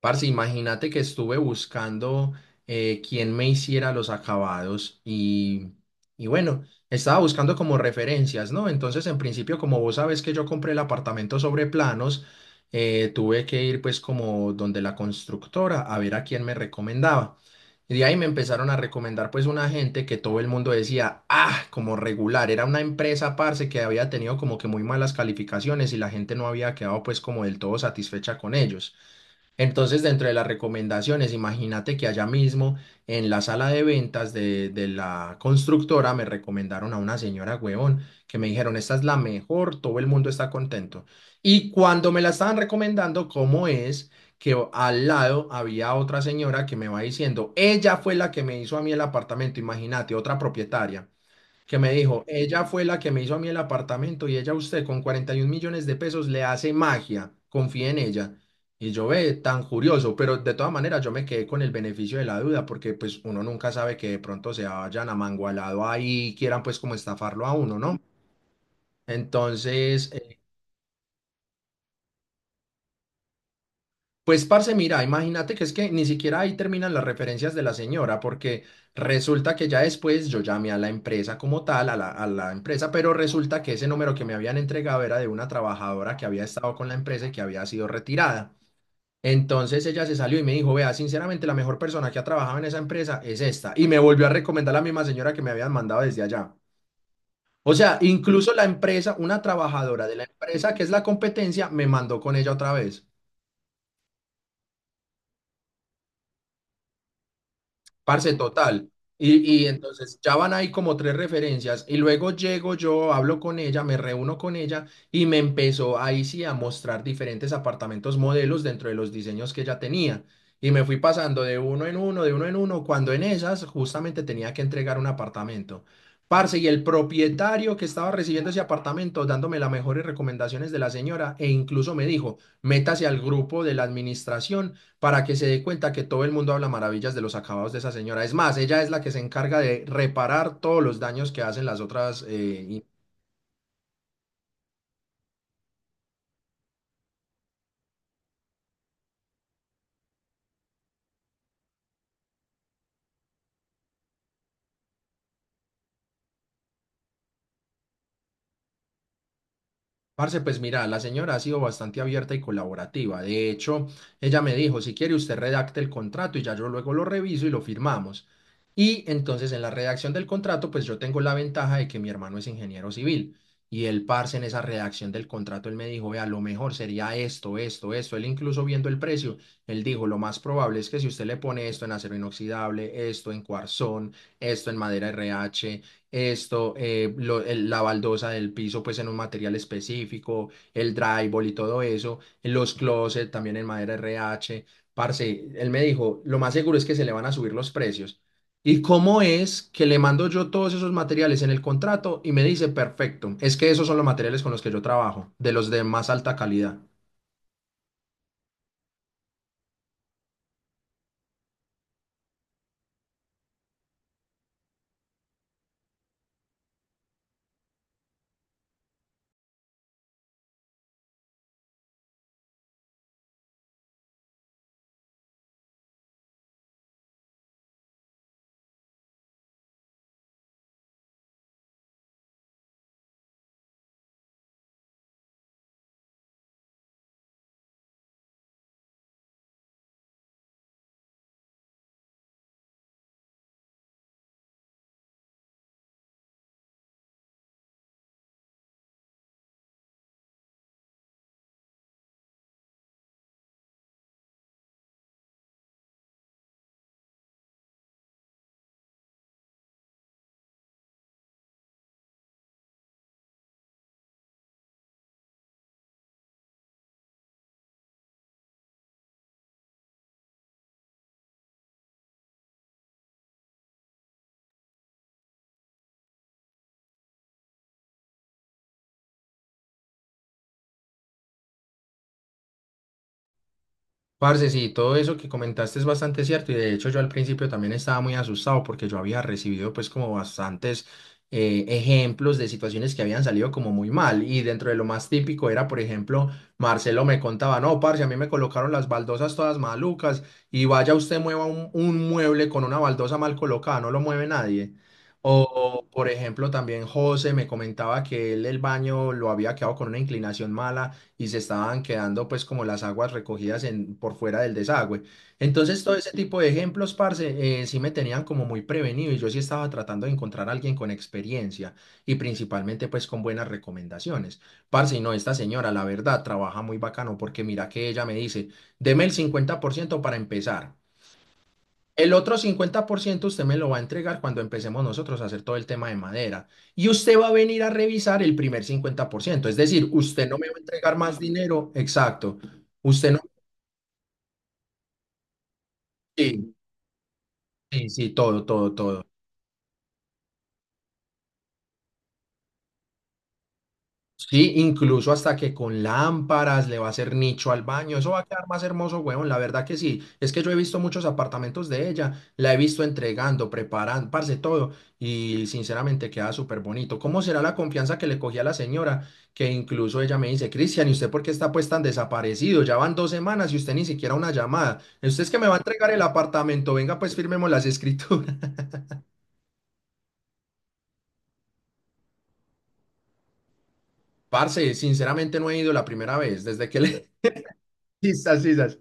Parce, imagínate que estuve buscando quién me hiciera los acabados y bueno, estaba buscando como referencias, ¿no? Entonces, en principio, como vos sabes que yo compré el apartamento sobre planos, tuve que ir pues como donde la constructora a ver a quién me recomendaba. Y de ahí me empezaron a recomendar pues una gente que todo el mundo decía, ah, como regular, era una empresa, parce, que había tenido como que muy malas calificaciones y la gente no había quedado pues como del todo satisfecha con ellos. Entonces, dentro de las recomendaciones, imagínate que allá mismo en la sala de ventas de la constructora me recomendaron a una señora huevón que me dijeron, esta es la mejor, todo el mundo está contento. Y cuando me la estaban recomendando, ¿cómo es? Que al lado había otra señora que me va diciendo, ella fue la que me hizo a mí el apartamento, imagínate, otra propietaria que me dijo, ella fue la que me hizo a mí el apartamento y ella a usted con 41 millones de pesos le hace magia, confíe en ella. Y yo ve tan curioso, pero de todas maneras yo me quedé con el beneficio de la duda porque pues uno nunca sabe que de pronto se vayan amangualado ahí y quieran pues como estafarlo a uno, ¿no? Entonces, pues, parce, mira, imagínate que es que ni siquiera ahí terminan las referencias de la señora, porque resulta que ya después yo llamé a la empresa como tal, a la empresa, pero resulta que ese número que me habían entregado era de una trabajadora que había estado con la empresa y que había sido retirada. Entonces ella se salió y me dijo, vea, sinceramente la mejor persona que ha trabajado en esa empresa es esta. Y me volvió a recomendar la misma señora que me habían mandado desde allá. O sea, incluso la empresa, una trabajadora de la empresa que es la competencia, me mandó con ella otra vez. Parce, total. Y entonces ya van ahí como 3 referencias y luego llego yo, hablo con ella, me reúno con ella y me empezó ahí sí a mostrar diferentes apartamentos modelos dentro de los diseños que ella tenía. Y me fui pasando de uno en uno, de uno en uno, cuando en esas justamente tenía que entregar un apartamento. Parce, y el propietario que estaba recibiendo ese apartamento, dándome las mejores recomendaciones de la señora, e incluso me dijo, métase al grupo de la administración para que se dé cuenta que todo el mundo habla maravillas de los acabados de esa señora. Es más, ella es la que se encarga de reparar todos los daños que hacen las otras parce, pues mira, la señora ha sido bastante abierta y colaborativa. De hecho, ella me dijo, si quiere usted redacte el contrato y ya yo luego lo reviso y lo firmamos. Y entonces en la redacción del contrato, pues yo tengo la ventaja de que mi hermano es ingeniero civil. Y el parce en esa redacción del contrato, él me dijo, vea, lo mejor sería esto, esto, esto. Él incluso viendo el precio, él dijo, lo más probable es que si usted le pone esto en acero inoxidable, esto en cuarzón, esto en madera RH, esto, la baldosa del piso pues en un material específico, el drywall y todo eso, los closets también en madera RH. Parce, él me dijo, lo más seguro es que se le van a subir los precios. ¿Y cómo es que le mando yo todos esos materiales en el contrato y me dice, perfecto, es que esos son los materiales con los que yo trabajo, de los de más alta calidad? Parce, sí, todo eso que comentaste es bastante cierto y de hecho yo al principio también estaba muy asustado porque yo había recibido pues como bastantes ejemplos de situaciones que habían salido como muy mal y dentro de lo más típico era por ejemplo Marcelo me contaba, no, parce, a mí me colocaron las baldosas todas malucas y vaya usted mueva un mueble con una baldosa mal colocada, no lo mueve nadie. Por ejemplo también José me comentaba que él el baño lo había quedado con una inclinación mala y se estaban quedando pues como las aguas recogidas en, por fuera del desagüe. Entonces todo ese tipo de ejemplos, parce, sí me tenían como muy prevenido y yo sí estaba tratando de encontrar a alguien con experiencia y principalmente pues con buenas recomendaciones. Parce, y no, esta señora la verdad trabaja muy bacano porque mira que ella me dice, deme el 50% para empezar. El otro 50% usted me lo va a entregar cuando empecemos nosotros a hacer todo el tema de madera. Y usted va a venir a revisar el primer 50%. Es decir, usted no me va a entregar más dinero. Exacto. Usted no. Sí, sí, sí, todo, todo, todo. Sí, incluso hasta que con lámparas le va a hacer nicho al baño. Eso va a quedar más hermoso, weón. La verdad que sí. Es que yo he visto muchos apartamentos de ella. La he visto entregando, preparando, parce, todo. Y sinceramente queda súper bonito. ¿Cómo será la confianza que le cogí a la señora? Que incluso ella me dice, Cristian, ¿y usted por qué está pues tan desaparecido? Ya van 2 semanas y usted ni siquiera una llamada. Usted es que me va a entregar el apartamento. Venga, pues firmemos las escrituras. Parce, sinceramente no he ido la primera vez. Desde que le quizás, quizás.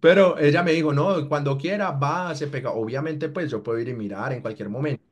Pero ella me dijo, no, cuando quiera, va, se pega. Obviamente, pues yo puedo ir y mirar en cualquier momento.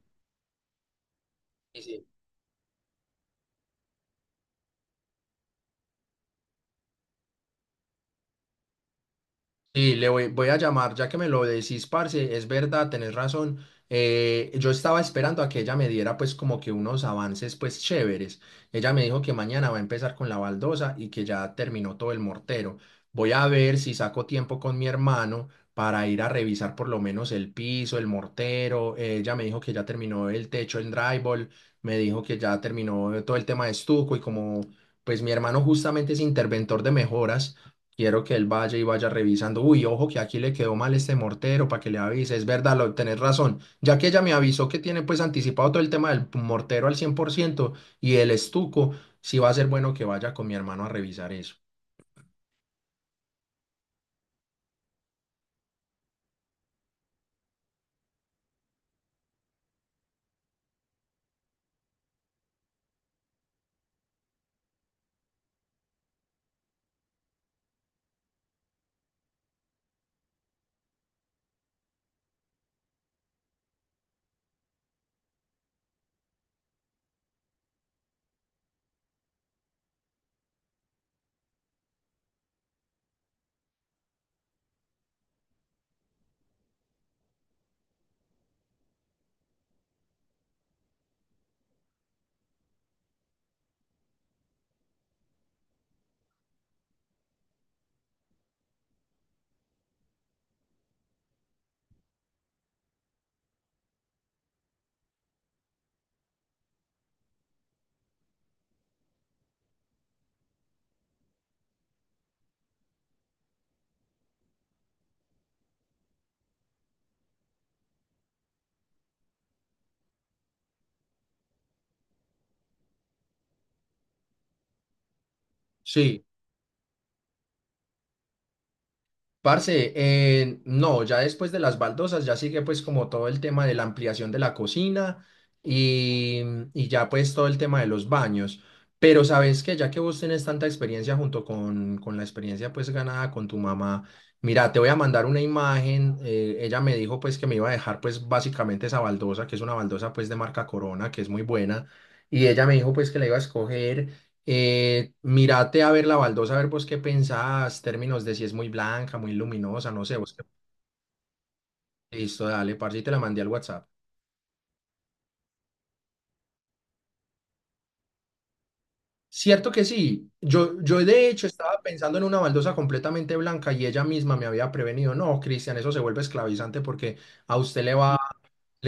Sí, le voy a llamar, ya que me lo decís, parce, es verdad, tenés razón. Yo estaba esperando a que ella me diera pues como que unos avances pues chéveres. Ella me dijo que mañana va a empezar con la baldosa y que ya terminó todo el mortero. Voy a ver si saco tiempo con mi hermano para ir a revisar por lo menos el piso, el mortero. Ella me dijo que ya terminó el techo, el drywall, me dijo que ya terminó todo el tema de estuco y como pues mi hermano justamente es interventor de mejoras. Quiero que él vaya y vaya revisando. Uy, ojo que aquí le quedó mal este mortero para que le avise. Es verdad, tenés razón. Ya que ella me avisó que tiene pues anticipado todo el tema del mortero al 100% y el estuco, sí va a ser bueno que vaya con mi hermano a revisar eso. Sí. Parce, no, ya después de las baldosas ya sigue pues como todo el tema de la ampliación de la cocina y, y ya pues todo el tema de los baños. Pero sabes que ya que vos tenés tanta experiencia junto con la experiencia pues ganada con tu mamá, mira, te voy a mandar una imagen. Ella me dijo pues que me iba a dejar pues básicamente esa baldosa, que es una baldosa pues de marca Corona, que es muy buena. Y ella me dijo pues que la iba a escoger. Mírate a ver la baldosa, a ver vos qué pensás, términos de si es muy blanca, muy luminosa, no sé, vos qué- Listo, dale, parce, y te la mandé al WhatsApp. Cierto que sí, yo de hecho estaba pensando en una baldosa completamente blanca y ella misma me había prevenido, no, Cristian, eso se vuelve esclavizante porque a usted le va,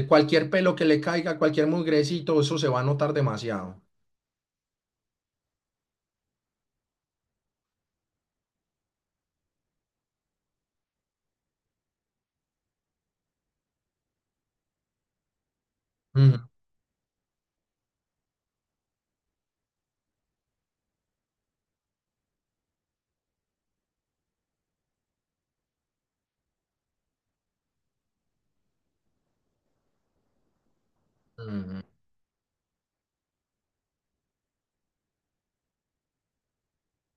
cualquier pelo que le caiga, cualquier mugrecito, eso se va a notar demasiado. Ujú, ujú,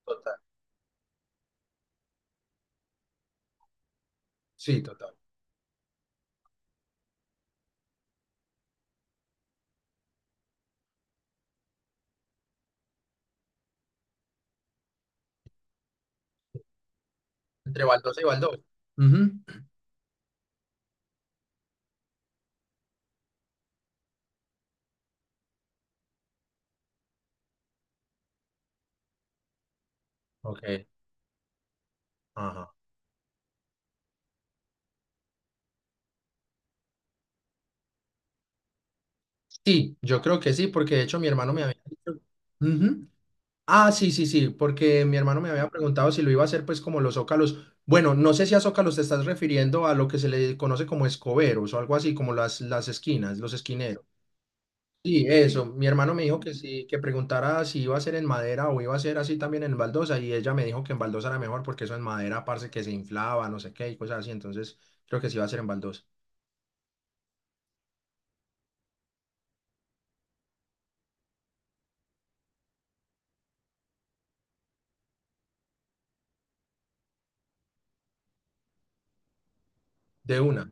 total, sí, total. Entre baldosa y baldosa. Ujú, ok, ajá. Sí, yo creo que sí, porque de hecho mi hermano me había dicho. Ujú. Ah, sí, sí, sí, porque mi hermano me había preguntado si lo iba a hacer, pues, como los zócalos. Bueno, no sé si a zócalos te estás refiriendo a lo que se le conoce como escoberos o algo así, como las esquinas, los esquineros. Sí, eso. Mi hermano me dijo que sí, que preguntara si iba a ser en madera o iba a ser así también en baldosa, y ella me dijo que en baldosa era mejor porque eso en madera, parce, que se inflaba, no sé qué, y cosas así. Entonces, creo que sí iba a ser en baldosa. De una.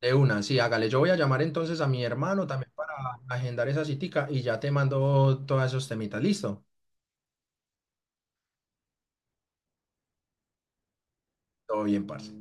De una, sí, hágale. Yo voy a llamar entonces a mi hermano también para agendar esa citica y ya te mando todos esos temitas. ¿Listo? Todo bien, parce.